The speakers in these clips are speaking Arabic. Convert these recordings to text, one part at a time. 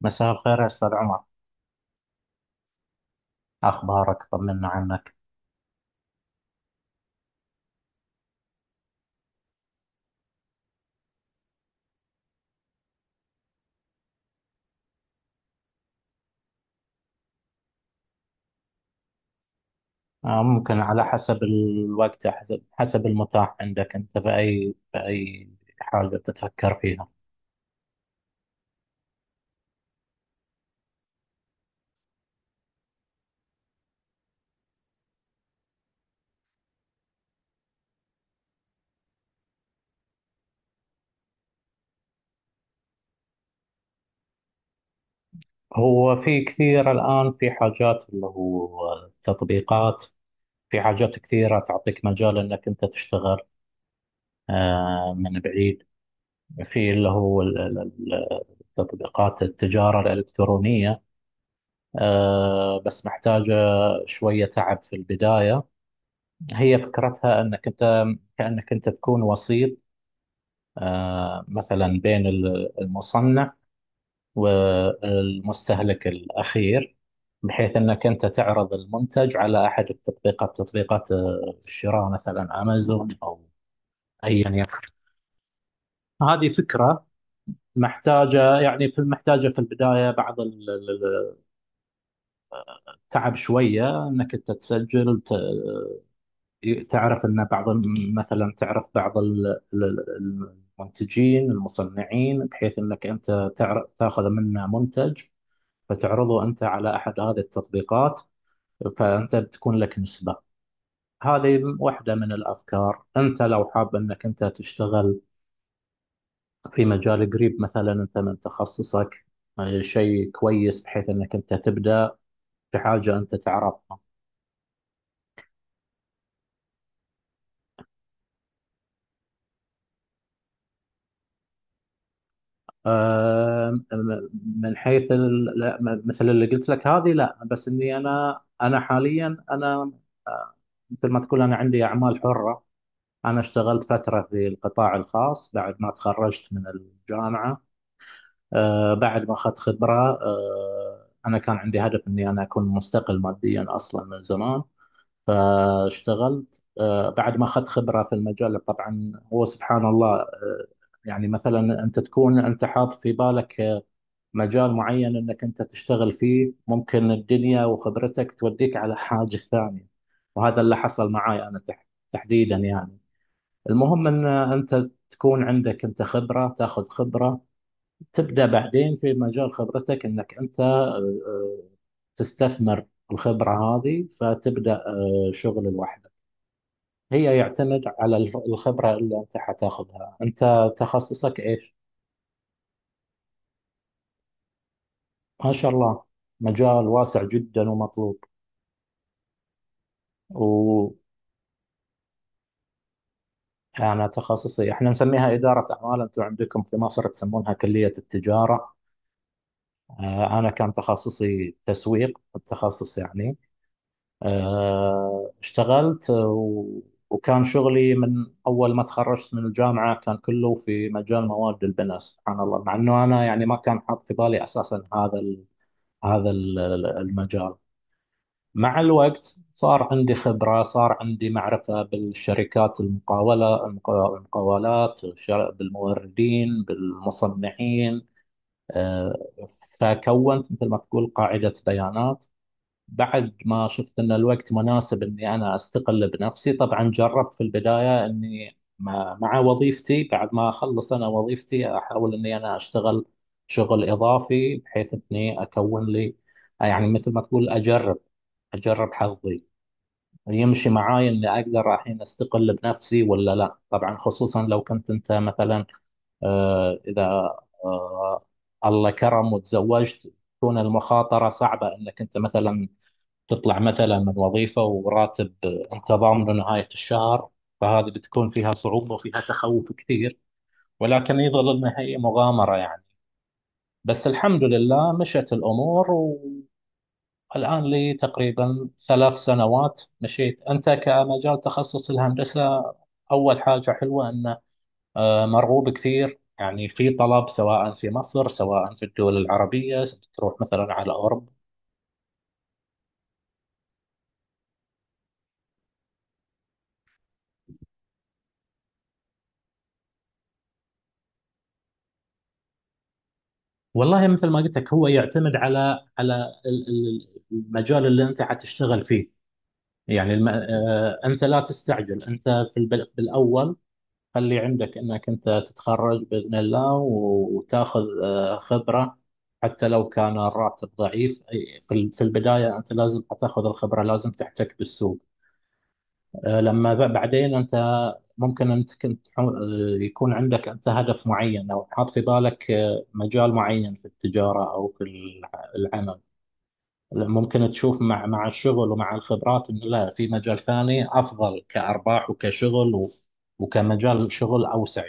مساء الخير يا أستاذ عمر. أخبارك؟ طمنا عنك. ممكن على حسب الوقت، حسب المتاح عندك أنت في أي حاجة تتفكر فيها. هو في كثير الآن في حاجات اللي هو تطبيقات، في حاجات كثيرة تعطيك مجال أنك أنت تشتغل من بعيد. في اللي هو ال- تطبيقات التجارة الإلكترونية. بس محتاجة شوية تعب في البداية. هي فكرتها أنك أنت، كأنك أنت تكون وسيط، مثلا بين المصنع والمستهلك الأخير، بحيث أنك أنت تعرض المنتج على أحد التطبيقات، تطبيقات الشراء، مثلا أمازون أو أيا يكن. هذه فكرة محتاجة يعني، في محتاجة في البداية بعض التعب شوية، أنك أنت تسجل، تعرف ان بعض مثلا تعرف بعض المنتجين المصنعين، بحيث انك انت تعرف تاخذ منه منتج، فتعرضه انت على احد هذه التطبيقات، فانت بتكون لك نسبة. هذه واحدة من الافكار. انت لو حاب انك انت تشتغل في مجال قريب مثلا، انت من تخصصك، شيء كويس بحيث انك انت تبدأ في حاجة انت تعرفها. آم، من حيث لا، مثل اللي قلت لك هذه، لا، بس اني انا حاليا انا، آه، مثل ما تقول انا عندي اعمال حره. انا اشتغلت فتره في القطاع الخاص بعد ما تخرجت من الجامعه، بعد ما اخذت خبره. انا كان عندي هدف اني انا اكون مستقل ماديا اصلا من زمان، فاشتغلت بعد ما اخذت خبره في المجال. طبعا هو سبحان الله، يعني مثلا انت تكون انت حاط في بالك مجال معين انك انت تشتغل فيه، ممكن الدنيا وخبرتك توديك على حاجة ثانية، وهذا اللي حصل معاي انا تحديدا يعني. المهم ان انت تكون عندك انت خبرة، تاخذ خبرة تبدأ بعدين في مجال خبرتك، انك انت آه، تستثمر الخبرة هذه، فتبدأ شغل لوحدك. هي يعتمد على الخبرة اللي انت حتاخذها. انت تخصصك ايش؟ ما شاء الله، مجال واسع جدا ومطلوب. أنا تخصصي إحنا نسميها إدارة أعمال، أنتم عندكم في مصر تسمونها كلية التجارة. أنا كان تخصصي تسويق، التخصص يعني. اشتغلت، وكان شغلي من أول ما تخرجت من الجامعة كان كله في مجال مواد البناء. سبحان الله، مع أنه أنا يعني ما كان حاط في بالي أساسا هذا ال- المجال. مع الوقت صار عندي خبرة، صار عندي معرفة بالشركات المقاولة المقاولات بالموردين بالمصنعين. آه، فكونت مثل ما تقول قاعدة بيانات. بعد ما شفت أن الوقت مناسب أني أنا أستقل بنفسي، طبعا جربت في البداية أني مع وظيفتي، بعد ما أخلص أنا وظيفتي أحاول أني أنا أشتغل شغل إضافي بحيث أني أكون لي، يعني مثل ما تقول أجرب حظي، يمشي معاي اني اقدر الحين استقل بنفسي ولا لا. طبعا خصوصا لو كنت انت مثلا، اذا آه، الله كرم وتزوجت، تكون المخاطره صعبه انك انت مثلا تطلع مثلا من وظيفه وراتب انت ضامنه نهايه الشهر، فهذه بتكون فيها صعوبه وفيها تخوف كثير، ولكن يظل انها هي مغامره يعني. بس الحمد لله مشت الامور. الآن لي تقريبا 3 سنوات مشيت. أنت كمجال تخصص الهندسة، أول حاجة حلوة أنه مرغوب كثير، يعني في طلب سواء في مصر سواء في الدول العربية، تروح مثلا على أوروبا. والله مثل ما قلت لك، هو يعتمد على المجال اللي أنت حتشتغل فيه. يعني الم... آه، أنت لا تستعجل. أنت في بالأول خلي عندك انك انت تتخرج باذن الله وتاخذ خبره، حتى لو كان الراتب ضعيف. في في البدايه انت لازم تاخذ الخبره، لازم تحتك بالسوق. لما بعدين انت، ممكن انت كنت يكون عندك انت هدف معين او حاط في بالك مجال معين في التجاره او في العمل. ممكن تشوف مع الشغل ومع الخبرات انه لا، في مجال ثاني افضل كارباح وكشغل، وكمجال شغل اوسع.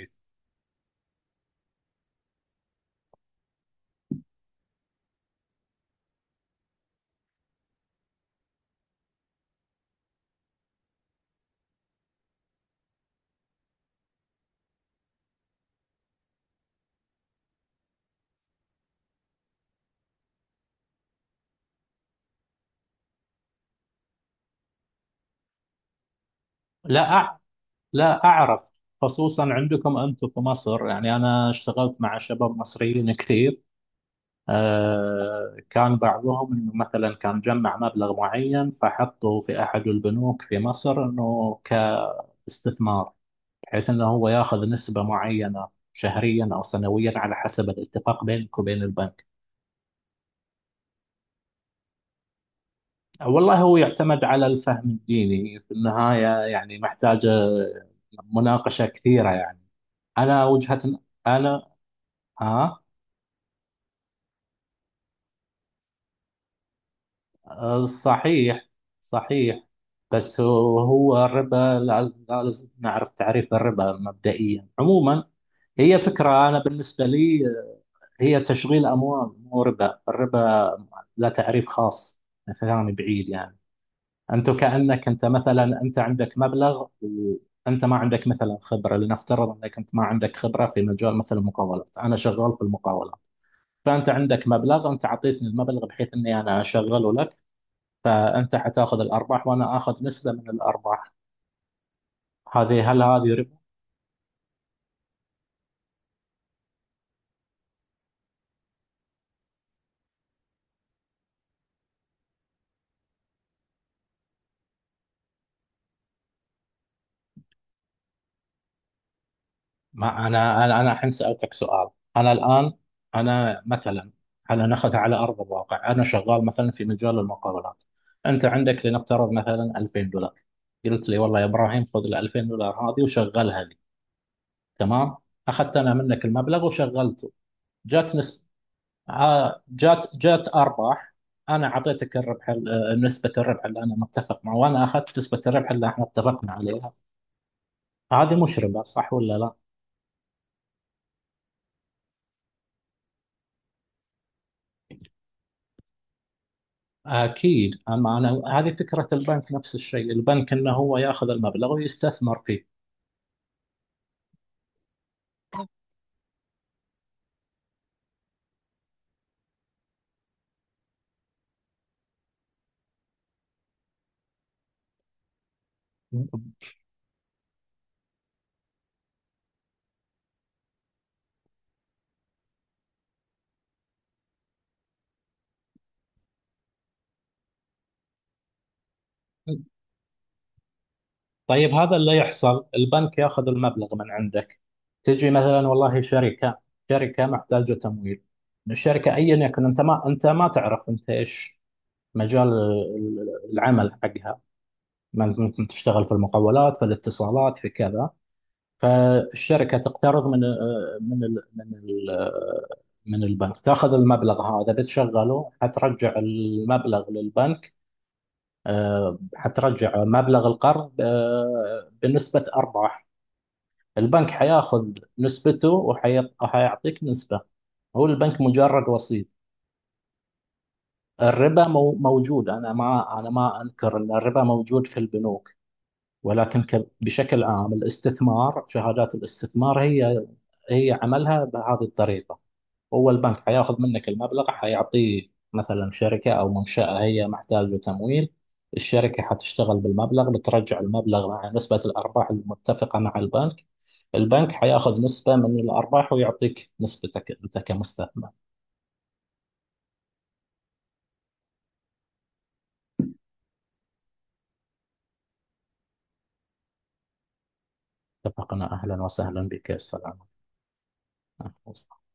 لا، لا أعرف. خصوصا عندكم أنتم في مصر، يعني أنا اشتغلت مع شباب مصريين كثير. كان بعضهم إنه مثلا كان جمع مبلغ معين فحطه في أحد البنوك في مصر إنه كاستثمار، بحيث إنه هو ياخذ نسبة معينة شهريا أو سنويا على حسب الاتفاق بينك وبين البنك. والله هو يعتمد على الفهم الديني في النهاية، يعني محتاجة مناقشة كثيرة يعني. أنا وجهة. أنا. ها؟ صحيح، صحيح. بس هو الربا، لازم نعرف تعريف الربا مبدئيا عموما. هي فكرة أنا بالنسبة لي هي تشغيل أموال، مو ربا. الربا لا تعريف خاص، كلامي بعيد يعني. أنت كأنك أنت مثلا، أنت عندك مبلغ وأنت ما عندك مثلا خبرة، لنفترض أنك أنت ما عندك خبرة في مجال مثلا المقاولات، أنا شغال في المقاولات، فأنت عندك مبلغ، أنت أعطيتني المبلغ بحيث أني أنا أشغله لك، فانت حتاخذ الارباح وانا اخذ نسبه من الارباح. هذه، هل هذه ربا؟ ما انا، انا الحين سالتك سؤال. انا الان، انا مثلا، انا ناخذها على ارض الواقع. انا شغال مثلا في مجال المقاولات، انت عندك لنفترض مثلا $2000، قلت لي والله يا ابراهيم خذ ال $2000 هذه وشغلها لي. تمام. اخذت انا منك المبلغ وشغلته، جات نسبه، جات ارباح. انا اعطيتك الربح، نسبه الربح اللي انا متفق معه، وانا اخذت نسبه الربح اللي احنا اتفقنا عليها. هذه مشربه صح ولا لا؟ اكيد. اما انا هذه فكره البنك، نفس الشيء البنك انه هو ياخذ المبلغ ويستثمر فيه. طيب، هذا اللي يحصل، البنك ياخذ المبلغ من عندك، تجي مثلا والله شركه محتاجه تمويل، من الشركه ايا يكن، انت ما تعرف انت ايش مجال العمل حقها، ممكن تشتغل في المقاولات في الاتصالات في كذا. فالشركة تقترض من ال من ال من البنك، تاخذ المبلغ هذا بتشغله، حترجع المبلغ للبنك. حترجع مبلغ القرض بنسبة أرباح. البنك حياخذ نسبته، وحيعطيك نسبة. هو البنك مجرد وسيط. الربا موجود، أنا ما أنكر أن الربا موجود في البنوك، ولكن بشكل عام الاستثمار، شهادات الاستثمار هي عملها بهذه الطريقة. هو البنك حياخذ منك المبلغ، حيعطيه مثلا شركة أو منشأة هي محتاجة تمويل، الشركة حتشتغل بالمبلغ، بترجع المبلغ مع نسبة الأرباح المتفقة مع البنك، البنك حياخذ نسبة من الأرباح ويعطيك نسبتك أنت كمستثمر. اتفقنا. أهلا وسهلا بك. السلام عليكم.